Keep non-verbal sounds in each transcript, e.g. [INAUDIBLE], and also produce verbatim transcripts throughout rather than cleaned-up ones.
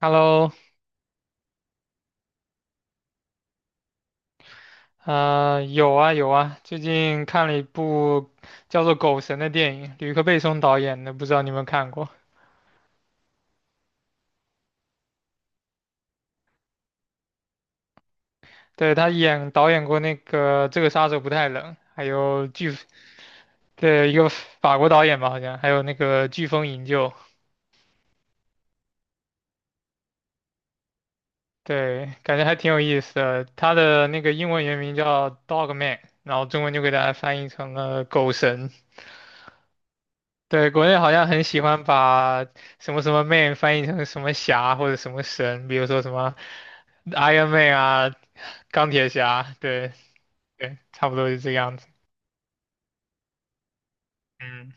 Hello,呃，有啊有啊，最近看了一部叫做《狗神》的电影，吕克·贝松导演的，不知道你有没有看过？对，他演导演过那个《这个杀手不太冷》，还有飓，对，一个法国导演吧，好像，还有那个《飓风营救》，对，感觉还挺有意思的。他的那个英文原名叫《Dog Man》,然后中文就给大家翻译成了《狗神》。对，国内好像很喜欢把什么什么 man 翻译成什么侠或者什么神，比如说什么 Iron Man 啊、钢铁侠，对对，差不多是这个样子。嗯，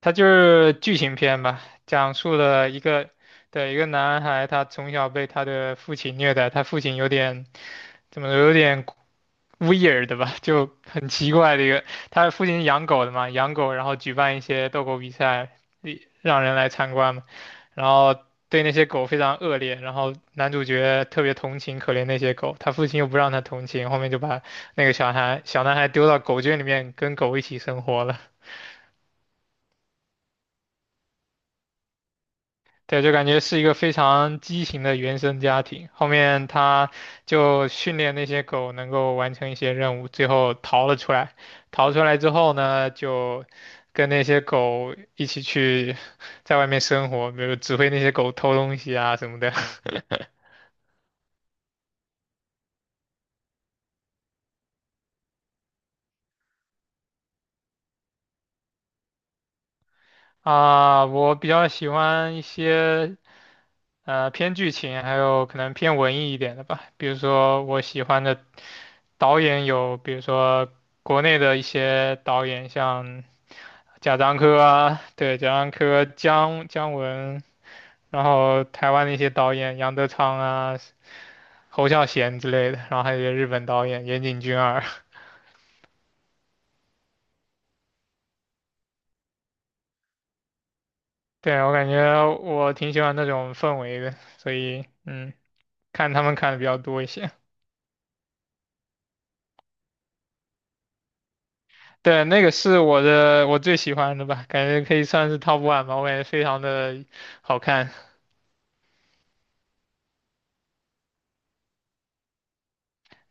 它就是剧情片吧，讲述了一个对一个男孩，他从小被他的父亲虐待，他父亲有点怎么说有点。weird 的吧，就很奇怪的一个。他父亲养狗的嘛，养狗，然后举办一些斗狗比赛，一让人来参观嘛。然后对那些狗非常恶劣，然后男主角特别同情可怜那些狗，他父亲又不让他同情，后面就把那个小孩小男孩丢到狗圈里面跟狗一起生活了。对，就感觉是一个非常畸形的原生家庭。后面他就训练那些狗能够完成一些任务，最后逃了出来。逃出来之后呢，就跟那些狗一起去在外面生活，比如指挥那些狗偷东西啊什么的。[LAUGHS] 啊，我比较喜欢一些呃偏剧情，还有可能偏文艺一点的吧。比如说我喜欢的导演有，比如说国内的一些导演，像。贾樟柯啊，对，贾樟柯、姜姜文，然后台湾的一些导演，杨德昌啊、侯孝贤之类的，然后还有一些日本导演，岩井俊二。[LAUGHS] 对，我感觉我挺喜欢那种氛围的，所以嗯，看他们看的比较多一些。[LAUGHS] 对，那个是我的我最喜欢的吧，感觉可以算是 top one 吧，我感觉非常的好看。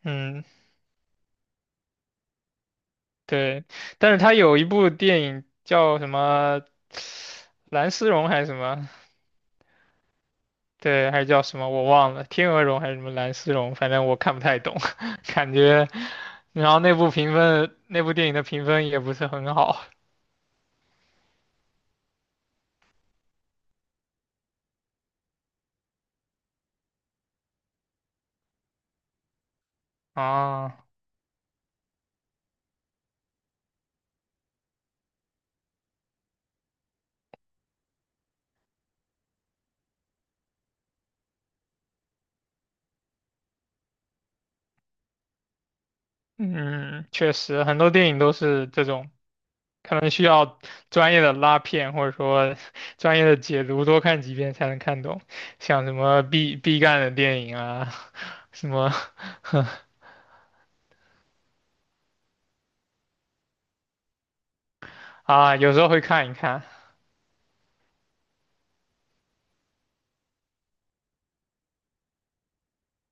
嗯，对，但是他有一部电影叫什么《蓝丝绒》还是什么？对，还是叫什么我忘了，天鹅绒还是什么蓝丝绒，反正我看不太懂，[LAUGHS] 感觉，然后那部评分，那部电影的评分也不是很好啊。嗯，确实，很多电影都是这种，可能需要专业的拉片或者说 [LAUGHS] 专业的解读，多看几遍才能看懂。像什么毕毕赣的电影啊，什么 [LAUGHS] 啊，有时候会看一看。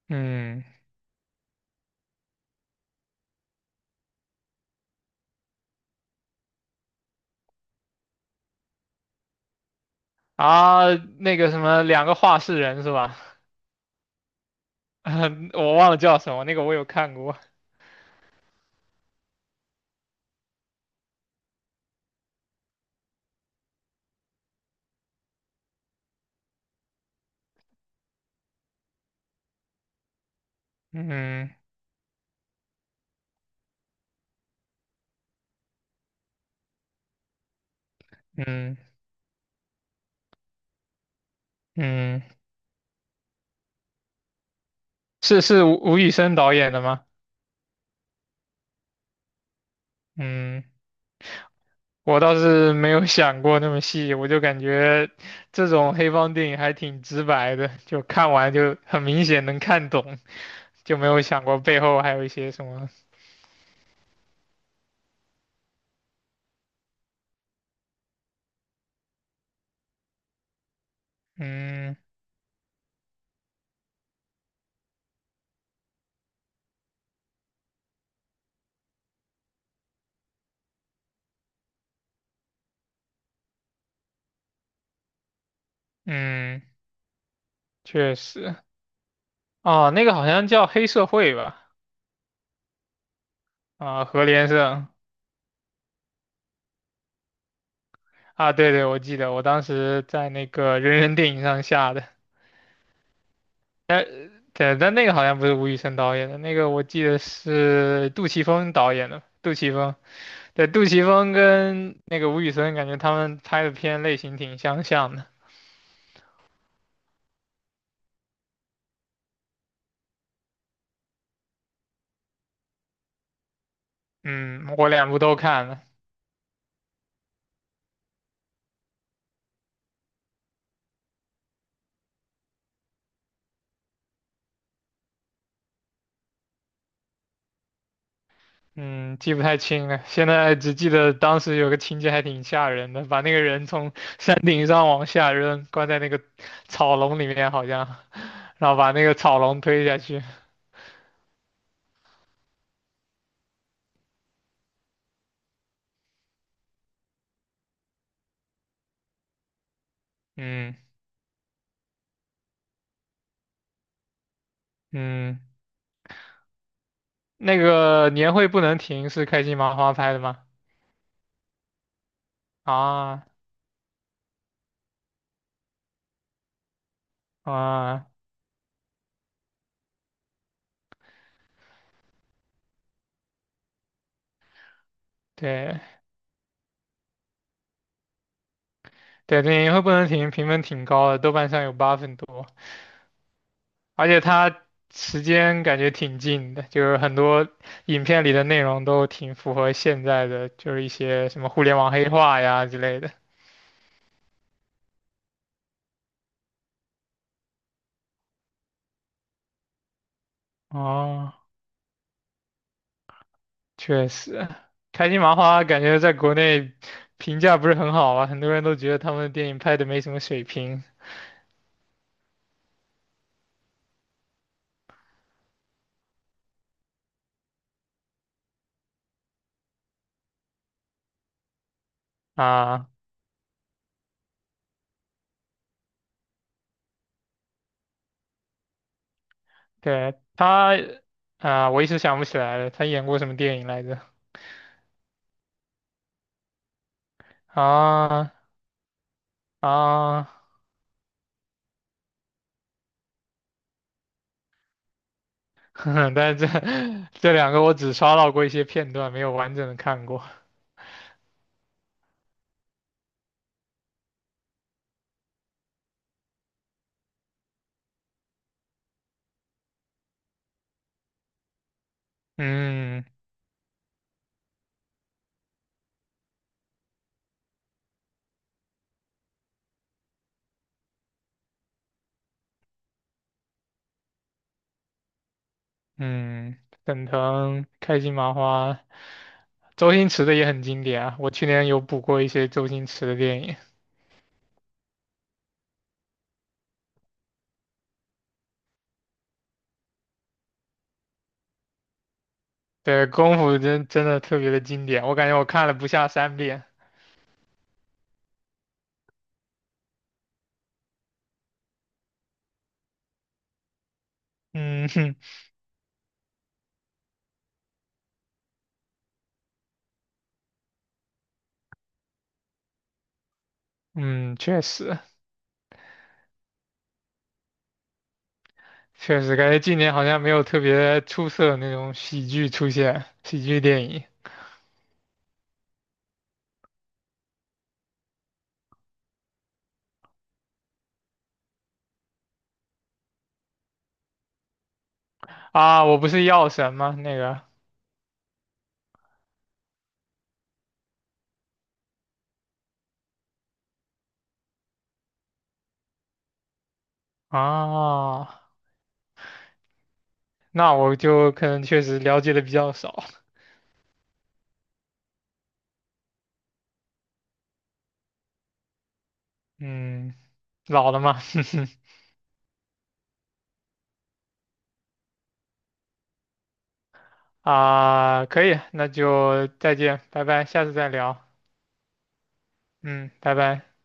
嗯，啊，那个什么，两个画室人是吧？[LAUGHS] 啊，我忘了叫什么，那个我有看过。嗯嗯嗯，是是吴吴宇森导演的吗？嗯，我倒是没有想过那么细，我就感觉这种黑帮电影还挺直白的，就看完就很明显能看懂，就没有想过背后还有一些什么。嗯嗯，确实。哦，那个好像叫黑社会吧？啊，何连胜。啊，对对，我记得，我当时在那个人人电影上下的。哎，对，但那个好像不是吴宇森导演的，那个我记得是杜琪峰导演的。杜琪峰，对，杜琪峰跟那个吴宇森，感觉他们拍的片类型挺相像的。嗯，我两部都看了，嗯，记不太清了，现在只记得当时有个情节还挺吓人的，把那个人从山顶上往下扔，关在那个草笼里面好像，然后把那个草笼推下去。嗯嗯，那个年会不能停是开心麻花拍的吗？啊。啊，对对对，电影会不能停，评分挺高的，豆瓣上有八分多，而且它时间感觉挺近的，就是很多影片里的内容都挺符合现在的，就是一些什么互联网黑化呀之类的。哦，确实，开心麻花感觉在国内评价不是很好啊，很多人都觉得他们的电影拍的没什么水平啊。对他，啊，我一时想不起来了，他演过什么电影来着？啊啊。[LAUGHS] 但是这这两个我只刷到过一些片段，没有完整的看过。嗯嗯，沈腾、开心麻花、周星驰的也很经典啊。我去年有补过一些周星驰的电影，对，功夫真真的特别的经典，我感觉我看了不下三遍。嗯哼，嗯，确实确实，感觉今年好像没有特别出色的那种喜剧出现，喜剧电影啊，我不是药神吗？那个啊。那我就可能确实了解的比较少，嗯，老了嘛，[LAUGHS] 啊，可以，那就再见，拜拜，下次再聊，嗯，拜拜。